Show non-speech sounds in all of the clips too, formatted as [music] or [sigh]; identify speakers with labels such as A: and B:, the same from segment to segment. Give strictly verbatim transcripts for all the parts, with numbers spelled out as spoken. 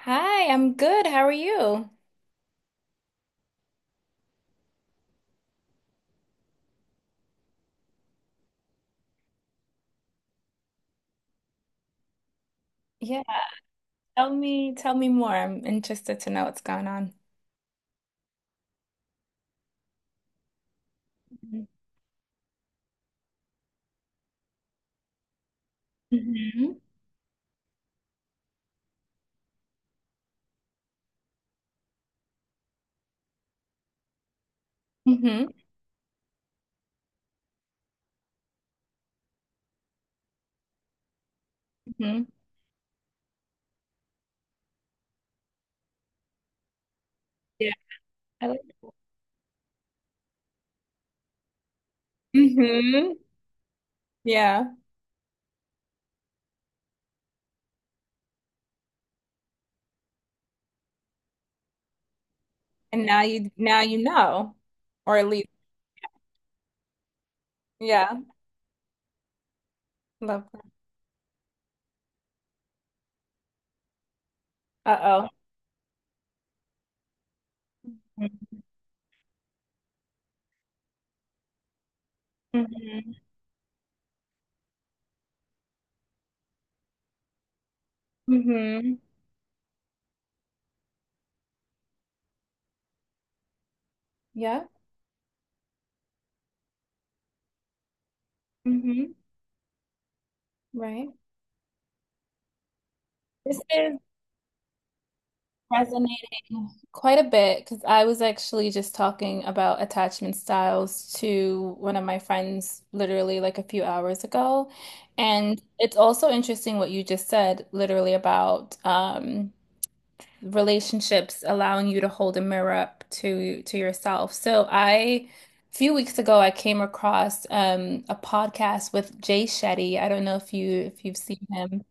A: Hi, I'm good. How are you? Yeah, tell me, tell me more. I'm interested to know what's going on. Mm-hmm. Hmm. Hmm. Yeah. I like. Hmm. Yeah. And now you now you know. Or at least, yeah. Love that. Uh-oh. Mm-hmm. Mm-hmm. Yeah. Mm-hmm. Right. This is Resonating quite a bit because I was actually just talking about attachment styles to one of my friends literally like a few hours ago. And it's also interesting what you just said, literally about um, relationships allowing you to hold a mirror up to to yourself. So I, a few weeks ago, I came across um, a podcast with Jay Shetty. I don't know if you if you've seen him.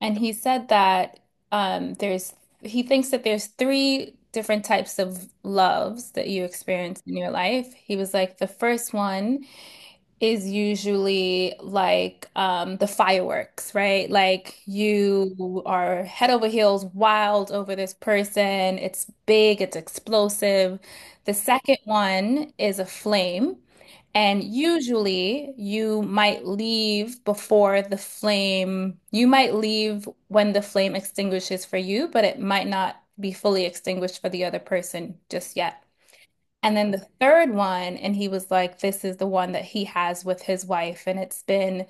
A: And he said that um, there's he thinks that there's three different types of loves that you experience in your life. He was like, the first one is usually like um, the fireworks, right? Like you are head over heels wild over this person. It's big, it's explosive. The second one is a flame. And usually you might leave before the flame, you might leave when the flame extinguishes for you, but it might not be fully extinguished for the other person just yet. And then the third one, and he was like, this is the one that he has with his wife. And it's been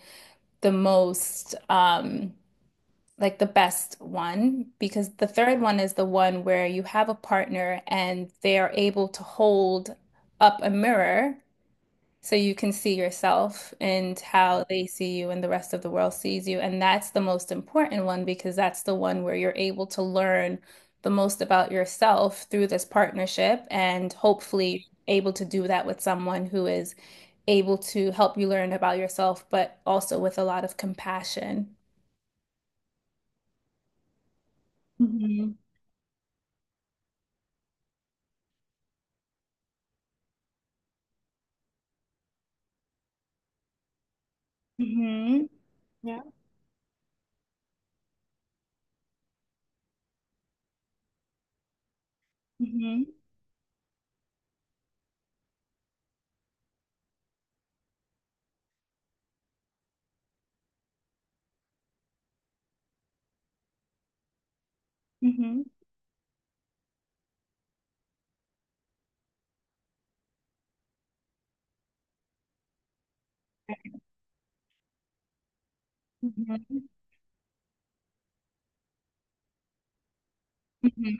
A: the most, um, like the best one, because the third one is the one where you have a partner and they are able to hold up a mirror so you can see yourself and how they see you and the rest of the world sees you. And that's the most important one because that's the one where you're able to learn the most about yourself through this partnership and hopefully able to do that with someone who is able to help you learn about yourself, but also with a lot of compassion. Hmm. Hmm. Yeah. Hmm. Hmm. Hmm. Hmm.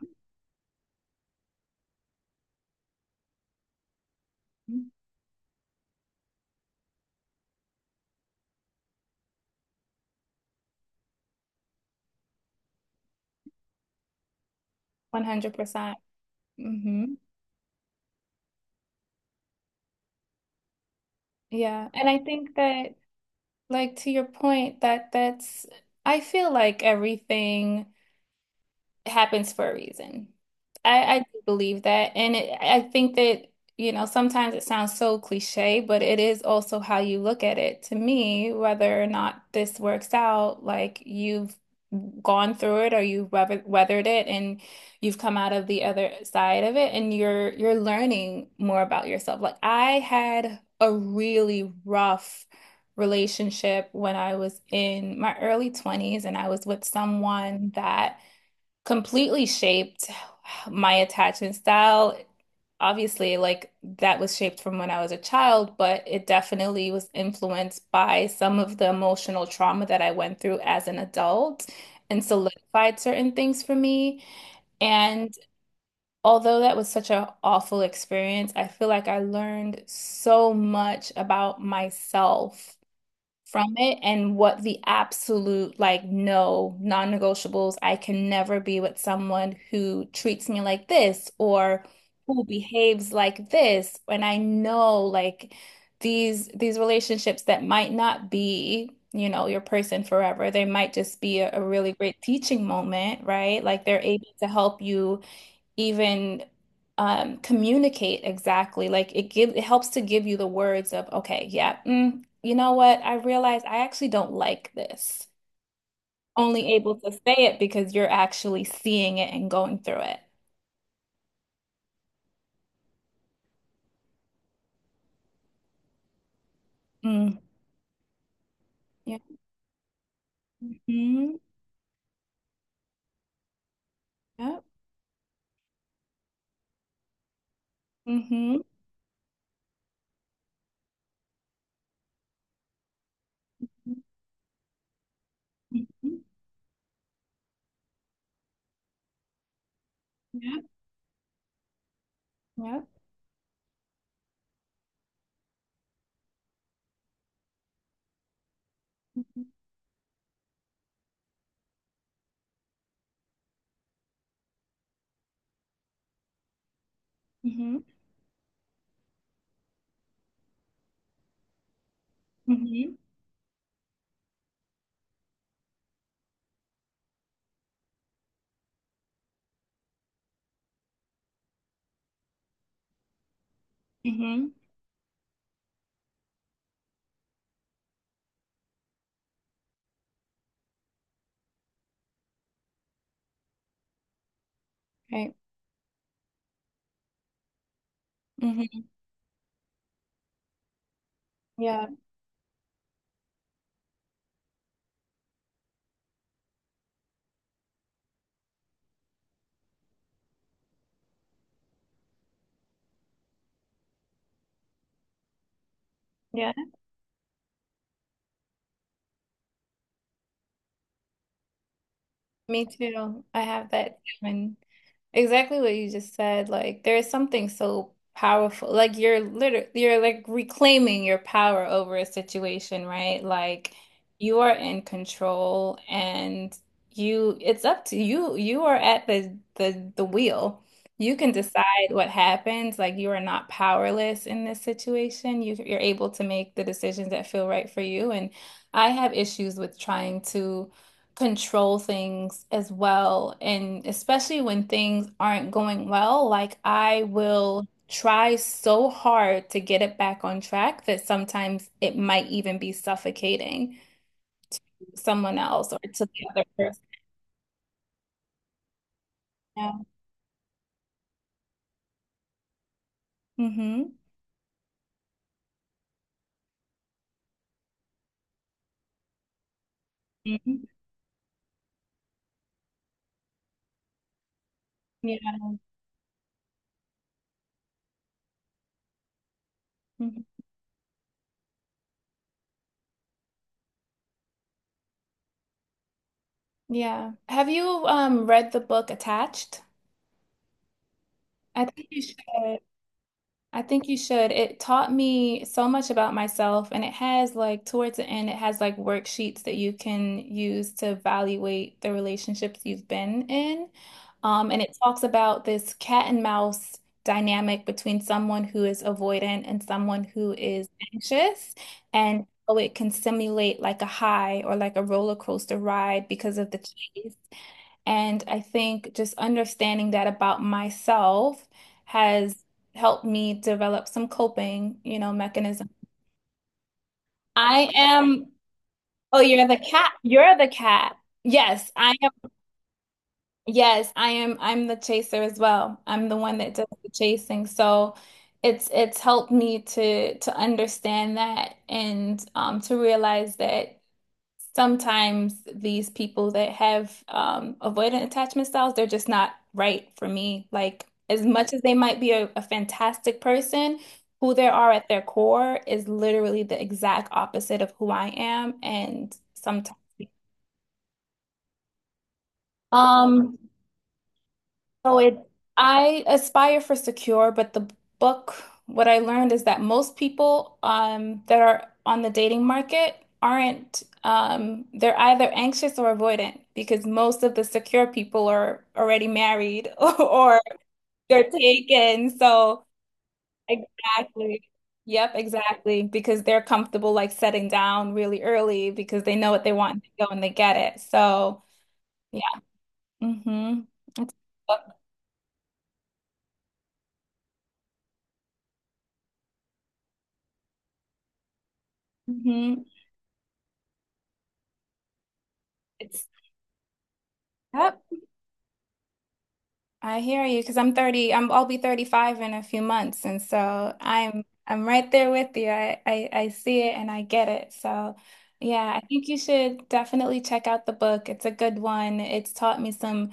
A: one hundred percent. Hmm. Yeah. And I think that. Like, to your point, that that's, I feel like everything. It happens for a reason. I, I do believe that. And it, I think that, you know, sometimes it sounds so cliche, but it is also how you look at it. To me, whether or not this works out, like you've gone through it, or you've weath- weathered it, and you've come out of the other side of it, and you're you're learning more about yourself. Like I had a really rough relationship when I was in my early twenties, and I was with someone that completely shaped my attachment style. Obviously, like that was shaped from when I was a child, but it definitely was influenced by some of the emotional trauma that I went through as an adult, and solidified certain things for me. And although that was such an awful experience, I feel like I learned so much about myself from it, and what the absolute like no non-negotiables. I can never be with someone who treats me like this or who behaves like this, and I know like these these relationships that might not be you know your person forever. They might just be a, a really great teaching moment, right? Like they're able to help you even um, communicate exactly. Like it give it helps to give you the words of, okay, yeah, mm, you know what? I realize I actually don't like this. Only able to say it because you're actually seeing it and going through it. Mm. Yeah. Mm-hmm. Yep. Mm-hmm. Mm-hmm. Yep. Yep. Mm-hmm. Mm-hmm. Mm-hmm. Mm-hmm. Right. Mm-hmm. Yeah. Yeah. Me too. I have that too. And exactly what you just said, like there is something so powerful. Like you're literally you're like reclaiming your power over a situation, right? Like you are in control, and you it's up to you. You are at the the the wheel. You can decide what happens. Like you are not powerless in this situation. You you're able to make the decisions that feel right for you. And I have issues with trying to control things as well. And especially when things aren't going well, like I will try so hard to get it back on track that sometimes it might even be suffocating someone else or to the other person. Yeah. Hmm. Hmm. Yeah. Mhm. Yeah. Have you um read the book Attached? I think you should. I think you should. It taught me so much about myself, and it has like towards the end, it has like worksheets that you can use to evaluate the relationships you've been in. Um, and it talks about this cat and mouse dynamic between someone who is avoidant and someone who is anxious, and how it can simulate like a high or like a roller coaster ride because of the chase. And I think just understanding that about myself has helped me develop some coping, you know, mechanism. I am, oh, you're the cat. You're the cat. Yes, I am. Yes, I am. I'm the chaser as well. I'm the one that does the chasing. So it's it's helped me to to understand that, and um, to realize that. Sometimes these people that have um, avoidant attachment styles, they're just not right for me. Like, as much as they might be a, a fantastic person, who they are at their core is literally the exact opposite of who I am. And sometimes. Um, So it, I aspire for secure, but the book, what I learned is that most people um, that are on the dating market aren't, um, they're either anxious or avoidant, because most of the secure people are already married [laughs] or they're taken. So exactly. Yep, exactly. Because they're comfortable like setting down really early because they know what they want, and they go and they get it. So yeah. Mm-hmm. It's, mm-hmm. It's, yep. I hear you because I'm thirty, I'm I'll be thirty-five in a few months, and so I'm I'm right there with you. I, I I see it and I get it. So yeah, I think you should definitely check out the book. It's a good one. It's taught me some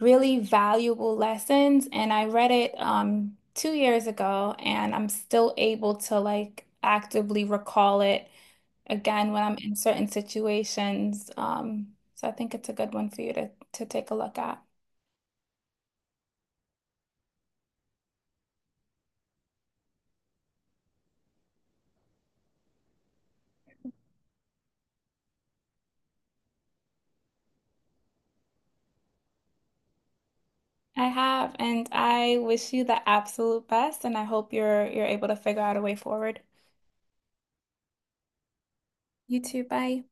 A: really valuable lessons, and I read it um two years ago, and I'm still able to like actively recall it again when I'm in certain situations. Um, so I think it's a good one for you to to take a look at. I have, and I wish you the absolute best, and I hope you're you're able to figure out a way forward. You too, bye.